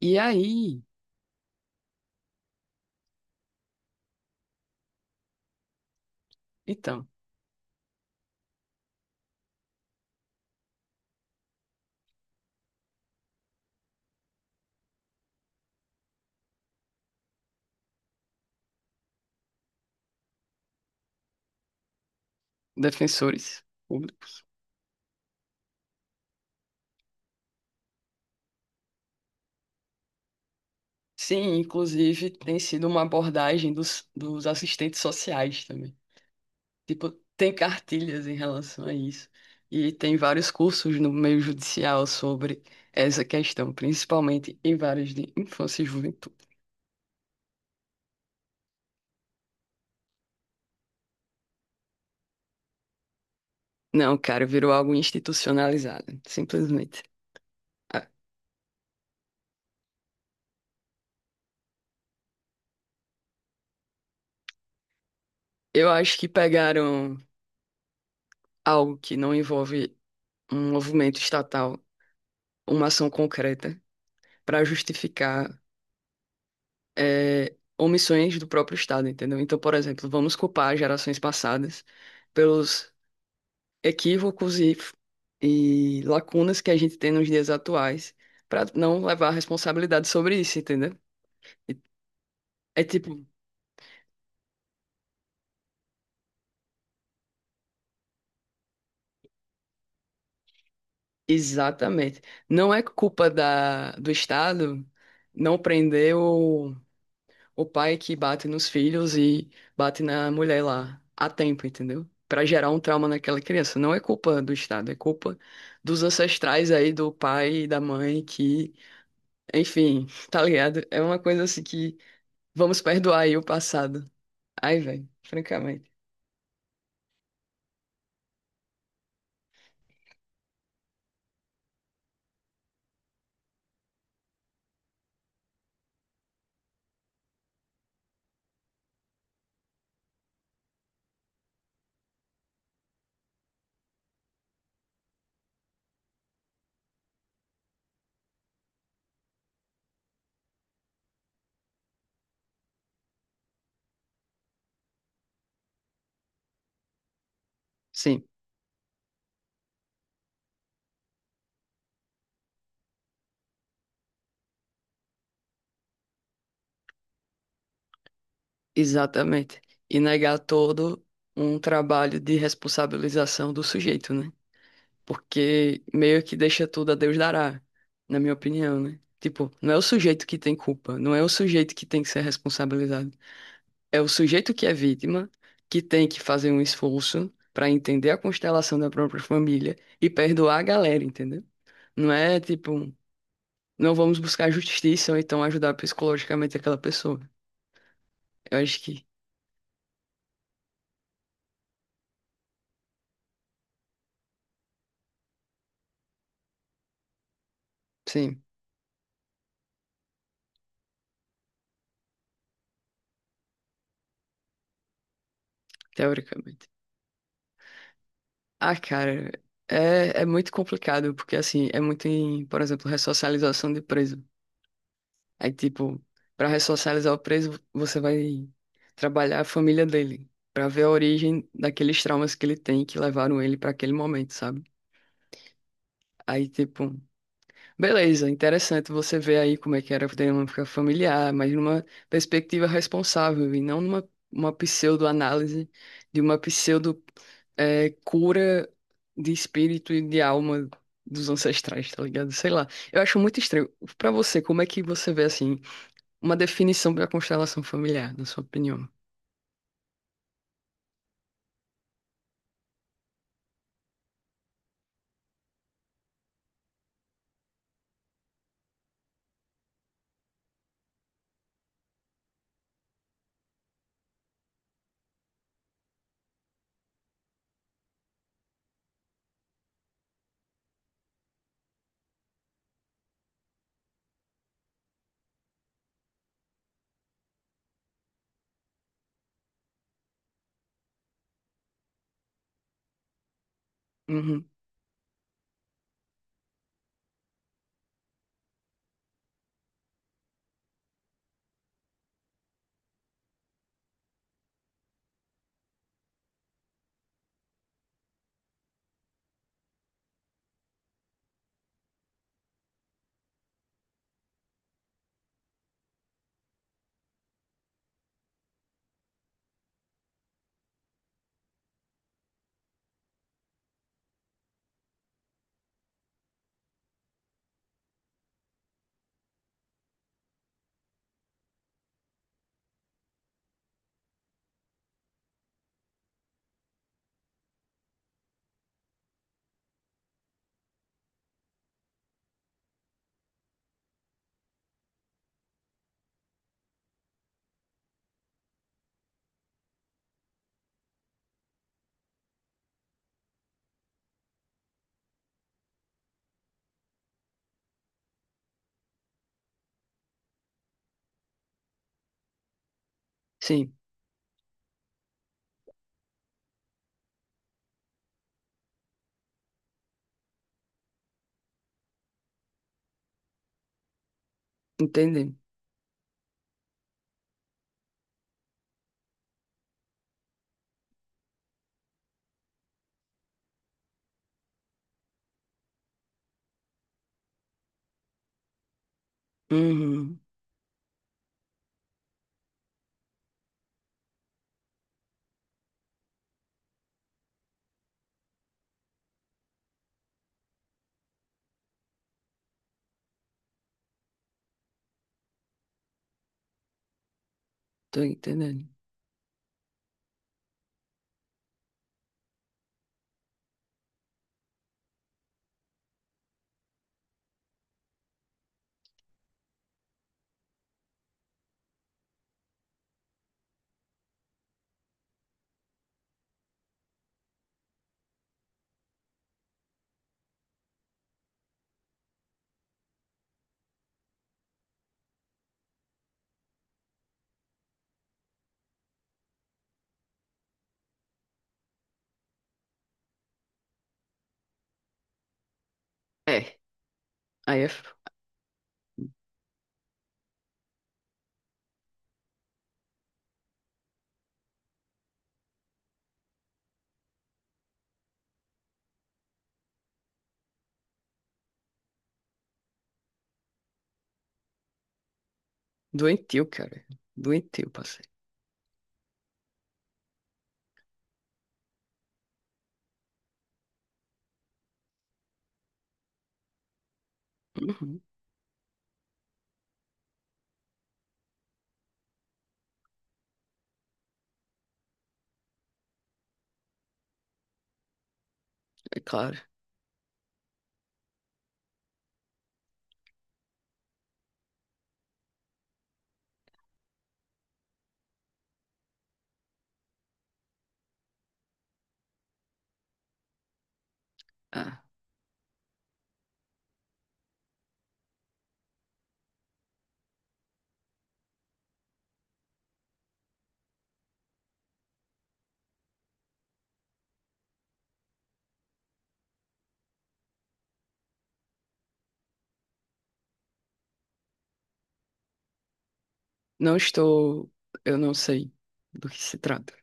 E aí, então, defensores públicos. Sim, inclusive tem sido uma abordagem dos assistentes sociais também. Tipo, tem cartilhas em relação a isso. E tem vários cursos no meio judicial sobre essa questão, principalmente em várias de infância e juventude. Não, cara, virou algo institucionalizado, simplesmente. Ah, Eu acho que pegaram algo que não envolve um movimento estatal, uma ação concreta, para justificar omissões do próprio Estado, entendeu? Então, por exemplo, vamos culpar gerações passadas pelos equívocos e lacunas que a gente tem nos dias atuais, para não levar a responsabilidade sobre isso, entendeu? É tipo, exatamente. Não é culpa do Estado não prender o pai que bate nos filhos e bate na mulher lá a tempo, entendeu? Pra gerar um trauma naquela criança. Não é culpa do Estado, é culpa dos ancestrais aí, do pai e da mãe, que, enfim, tá ligado? É uma coisa assim que vamos perdoar aí o passado. Ai, velho, francamente. Sim, exatamente. E negar todo um trabalho de responsabilização do sujeito, né? Porque meio que deixa tudo a Deus dará, na minha opinião, né? Tipo, não é o sujeito que tem culpa, não é o sujeito que tem que ser responsabilizado. É o sujeito que é vítima, que tem que fazer um esforço pra entender a constelação da própria família e perdoar a galera, entendeu? Não é tipo, não vamos buscar justiça ou então ajudar psicologicamente aquela pessoa. Eu acho que, sim, teoricamente. Ah, cara, é, é muito complicado, porque assim, é muito em, por exemplo, ressocialização de preso. Aí, tipo, pra ressocializar o preso, você vai trabalhar a família dele, pra ver a origem daqueles traumas que ele tem que levaram ele pra aquele momento, sabe? Aí, tipo, beleza, interessante você ver aí como é que era a dinâmica familiar, mas numa perspectiva responsável e não numa uma pseudo-análise de uma pseudo cura de espírito e de alma dos ancestrais, tá ligado? Sei lá. Eu acho muito estranho. Pra você, como é que você vê assim? Uma definição para constelação familiar, na sua opinião. Uhum. Sim, entendi. Uhum. Tô entendendo. É, aí é f- doentio, cara. Doentio, passei. Uhum. É claro. Ah, não estou. Eu não sei do que se trata.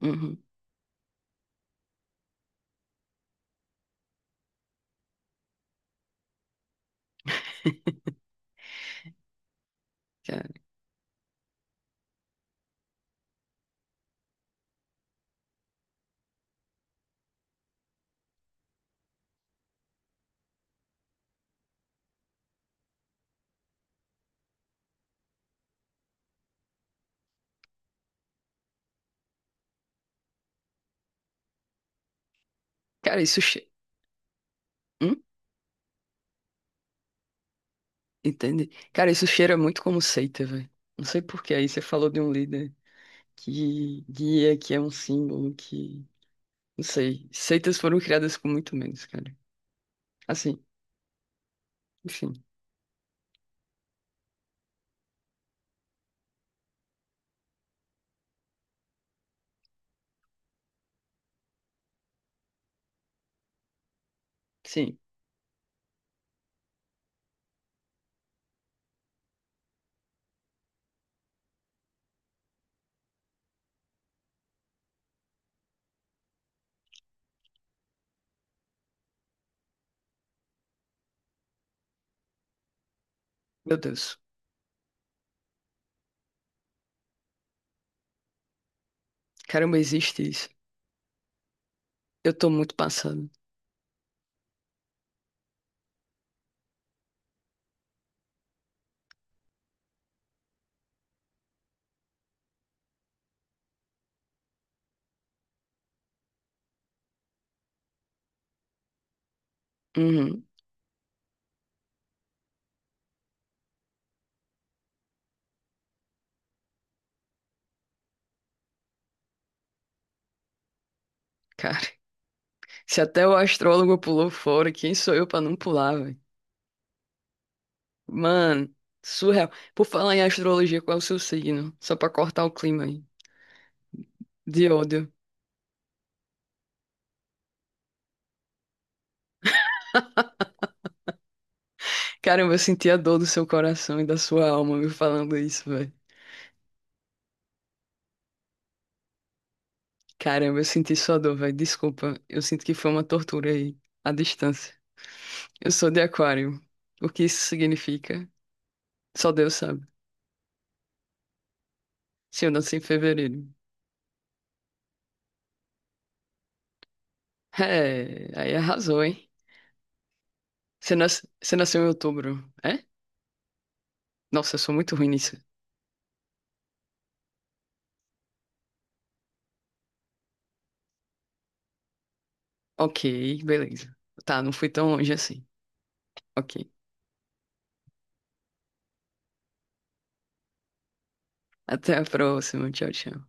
Uhum. Cara, cara, isso. Che... Hum? Entende? Cara, isso cheira muito como seita, velho. Não sei por quê. Aí você falou de um líder que guia, que é um símbolo, que. Não sei. Seitas foram criadas com muito menos, cara. Assim. Enfim, sim. Meu Deus. Caramba, existe isso. Eu tô muito passado. Uhum, cara. Se até o astrólogo pulou fora, quem sou eu pra não pular, velho? Mano, surreal. Por falar em astrologia, qual é o seu signo? Só pra cortar o clima aí. De ódio. Caramba, eu senti a dor do seu coração e da sua alma me falando isso, velho. Caramba, eu senti sua dor, velho. Desculpa. Eu sinto que foi uma tortura aí, à distância. Eu sou de Aquário. O que isso significa? Só Deus sabe. Se eu nasci em fevereiro. É, aí arrasou, hein? Você nasceu em outubro, é? Nossa, eu sou muito ruim nisso. Ok, beleza. Tá, não fui tão longe assim. Ok. Até a próxima. Tchau, tchau.